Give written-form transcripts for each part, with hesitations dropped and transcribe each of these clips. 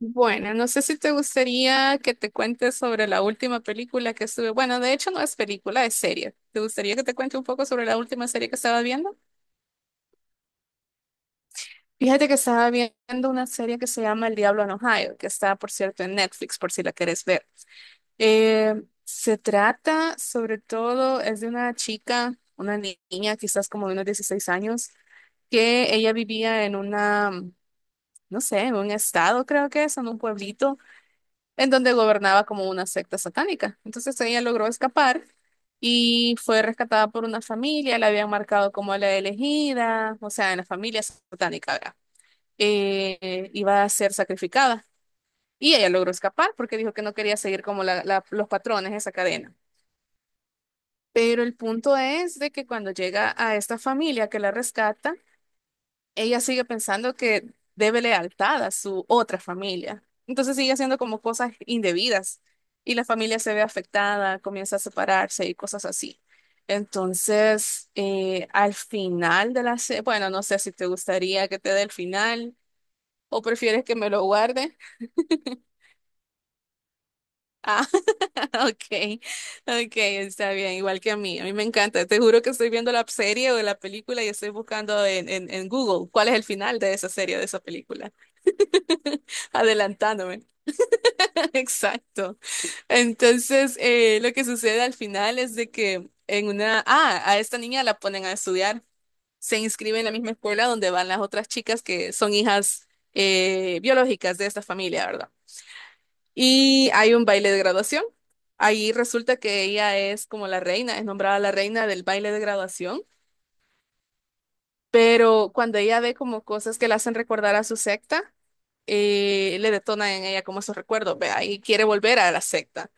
Bueno, no sé si te gustaría que te cuente sobre la última película que estuve. Bueno, de hecho no es película, es serie. ¿Te gustaría que te cuente un poco sobre la última serie que estaba viendo? Fíjate que estaba viendo una serie que se llama El Diablo en Ohio, que está, por cierto, en Netflix, por si la quieres ver. Se trata sobre todo, es de una chica, una ni- niña, quizás como de unos 16 años, que ella vivía en una, no sé, en un estado, creo que es, en un pueblito en donde gobernaba como una secta satánica. Entonces ella logró escapar y fue rescatada por una familia, la habían marcado como la elegida, o sea, en la familia satánica, ¿verdad? Iba a ser sacrificada. Y ella logró escapar porque dijo que no quería seguir como los patrones de esa cadena. Pero el punto es de que cuando llega a esta familia que la rescata, ella sigue pensando que debe lealtad a su otra familia. Entonces sigue haciendo como cosas indebidas y la familia se ve afectada, comienza a separarse y cosas así. Entonces, al final de la serie, bueno, no sé si te gustaría que te dé el final o prefieres que me lo guarde. Ah, ok, ok, está bien, igual que a mí. A mí me encanta. Te juro que estoy viendo la serie o la película y estoy buscando en Google cuál es el final de esa serie o de esa película. Adelantándome. Exacto. Entonces, lo que sucede al final es de que en una, ah, a esta niña la ponen a estudiar, se inscribe en la misma escuela donde van las otras chicas que son hijas biológicas de esta familia, ¿verdad? Y hay un baile de graduación. Ahí resulta que ella es como la reina, es nombrada la reina del baile de graduación. Pero cuando ella ve como cosas que la hacen recordar a su secta, le detona en ella como esos recuerdos, vea, y quiere volver a la secta.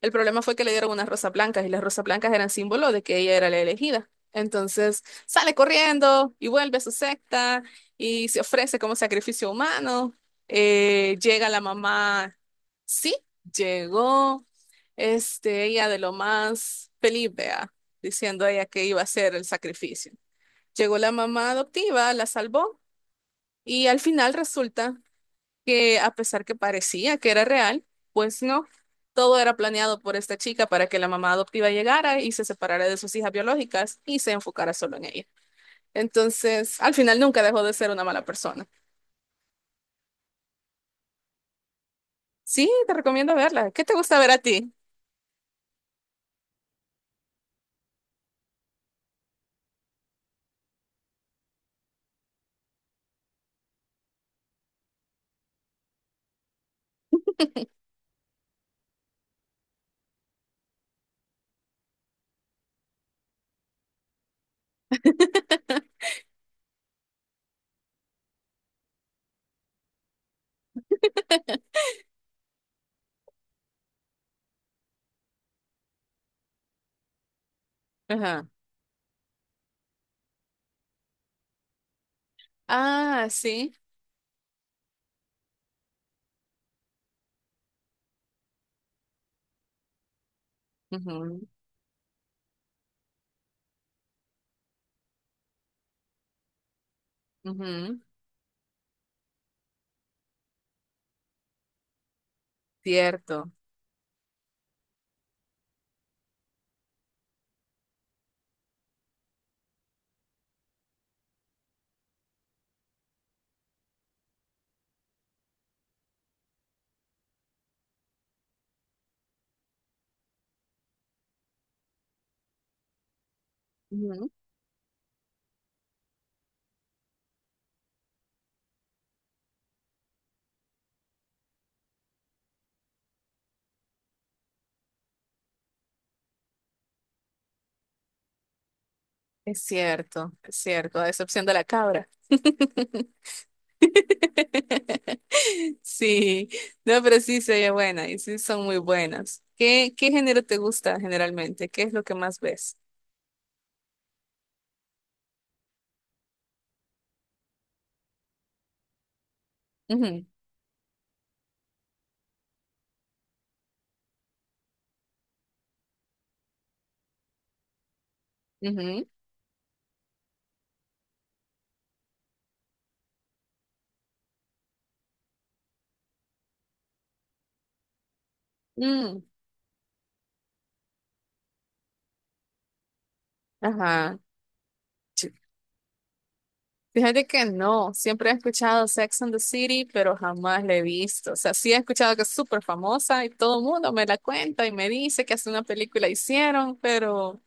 El problema fue que le dieron unas rosas blancas y las rosas blancas eran símbolo de que ella era la elegida. Entonces sale corriendo y vuelve a su secta y se ofrece como sacrificio humano. Llega la mamá, sí, llegó, este, ella de lo más feliz, vea, diciendo a ella que iba a hacer el sacrificio. Llegó la mamá adoptiva, la salvó y al final resulta que a pesar que parecía que era real, pues no, todo era planeado por esta chica para que la mamá adoptiva llegara y se separara de sus hijas biológicas y se enfocara solo en ella. Entonces, al final nunca dejó de ser una mala persona. Sí, te recomiendo verla. ¿Qué te gusta ver a ti? Ajá. Ah, sí. Ujú, ujú. Cierto. Ujú. Es cierto, a excepción de la cabra. Sí, no, pero sí se oye buena y sí son muy buenas. ¿Qué género te gusta generalmente? ¿Qué es lo que más ves? Ujú, ujú, mm, ajá. Ch- Fíjate que no, siempre he escuchado Sex and the City, pero jamás la he visto. O sea, sí he escuchado que es súper famosa y todo el mundo me la cuenta y me dice que hace una película hicieron, pero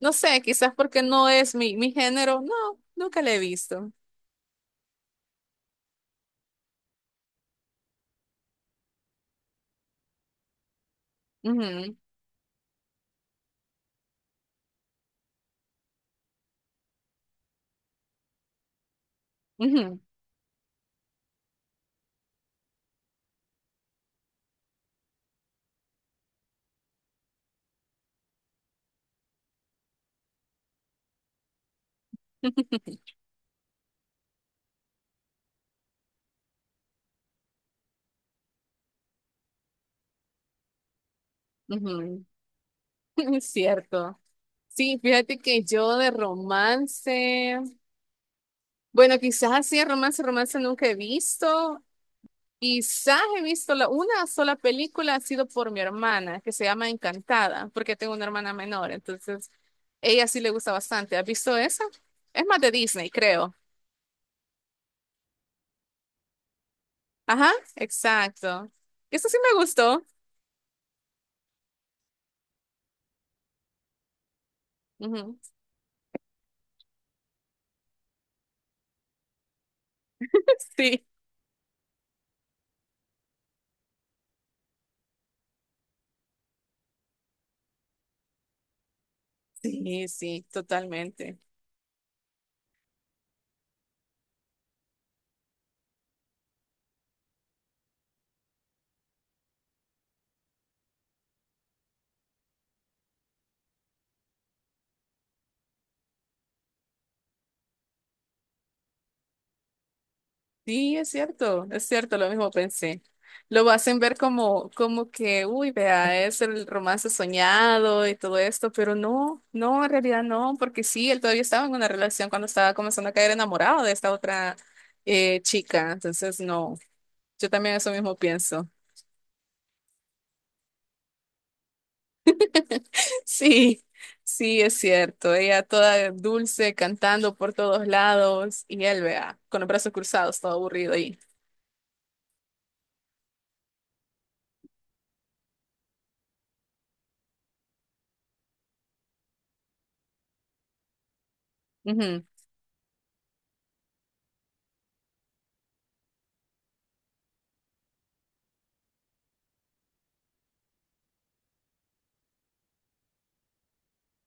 no sé, quizás porque no es mi género, no, nunca la he visto. Ujú, ujú, ujú. Es cierto. Sí, fíjate que yo de romance, bueno, quizás así de romance, romance nunca he visto. Quizás he visto la, una sola película, ha sido por mi hermana, que se llama Encantada, porque tengo una hermana menor, entonces ella sí le gusta bastante. ¿Has visto esa? Es más de Disney, creo. Ajá, exacto. Eso sí me gustó. Ujú. Sí, sí, sí, totalmente. Sí, es cierto, lo mismo pensé. Lo hacen ver como, como que, uy, vea, es el romance soñado y todo esto, pero no, no, en realidad no, porque sí, él todavía estaba en una relación cuando estaba comenzando a caer enamorado de esta otra chica, entonces no, yo también eso mismo pienso. Sí, sí, es cierto, ella toda dulce, cantando por todos lados, y él, vea, con los brazos cruzados, todo aburrido ahí. Ujú,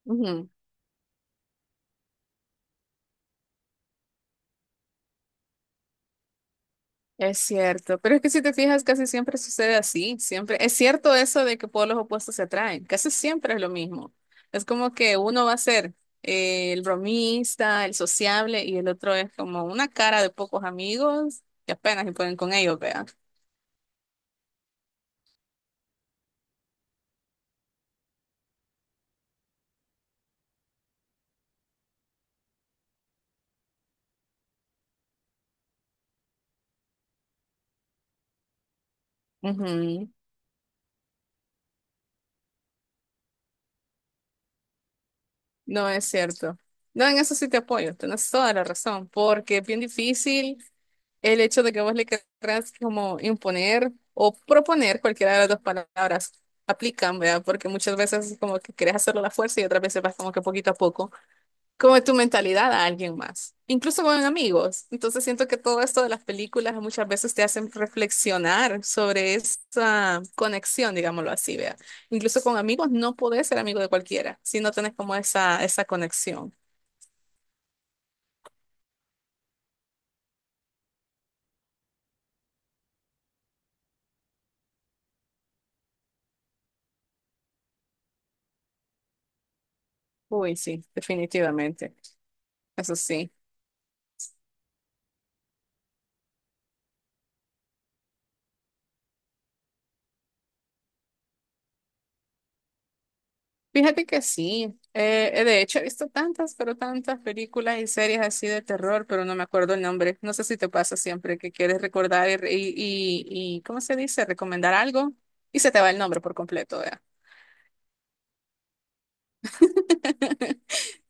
ujú. Es cierto, pero es que si te fijas, casi siempre sucede así, siempre. Es cierto eso de que polos opuestos se atraen, casi siempre es lo mismo. Es como que uno va a ser el bromista, el sociable, y el otro es como una cara de pocos amigos que apenas se pueden con ellos, vea. Ujú, no es cierto. No, en eso sí te apoyo, tienes toda la razón, porque es bien difícil. El hecho de que vos le querrás como imponer o proponer cualquiera de las dos palabras aplican, ¿verdad? Porque muchas veces como que querés hacerlo a la fuerza y otras veces vas como que poquito a poco, como tu mentalidad a alguien más, incluso con amigos. Entonces siento que todo esto de las películas muchas veces te hacen reflexionar sobre esa conexión, digámoslo así, ¿verdad? Incluso con amigos no podés ser amigo de cualquiera si no tenés como esa conexión. Uy, sí, definitivamente. Eso sí. Fíjate que sí, de hecho he visto tantas, pero tantas películas y series así de terror, pero no me acuerdo el nombre. No sé si te pasa siempre que quieres recordar y, ¿cómo se dice? Recomendar algo y se te va el nombre por completo, ¿verdad?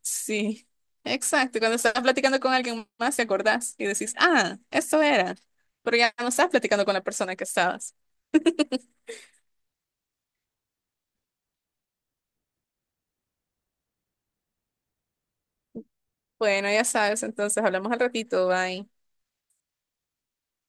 Sí, exacto. Cuando estás platicando con alguien más te acordás y decís, ah, esto era, pero ya no estás platicando con la persona que estabas. Bueno, ya sabes, entonces hablamos al ratito, bye.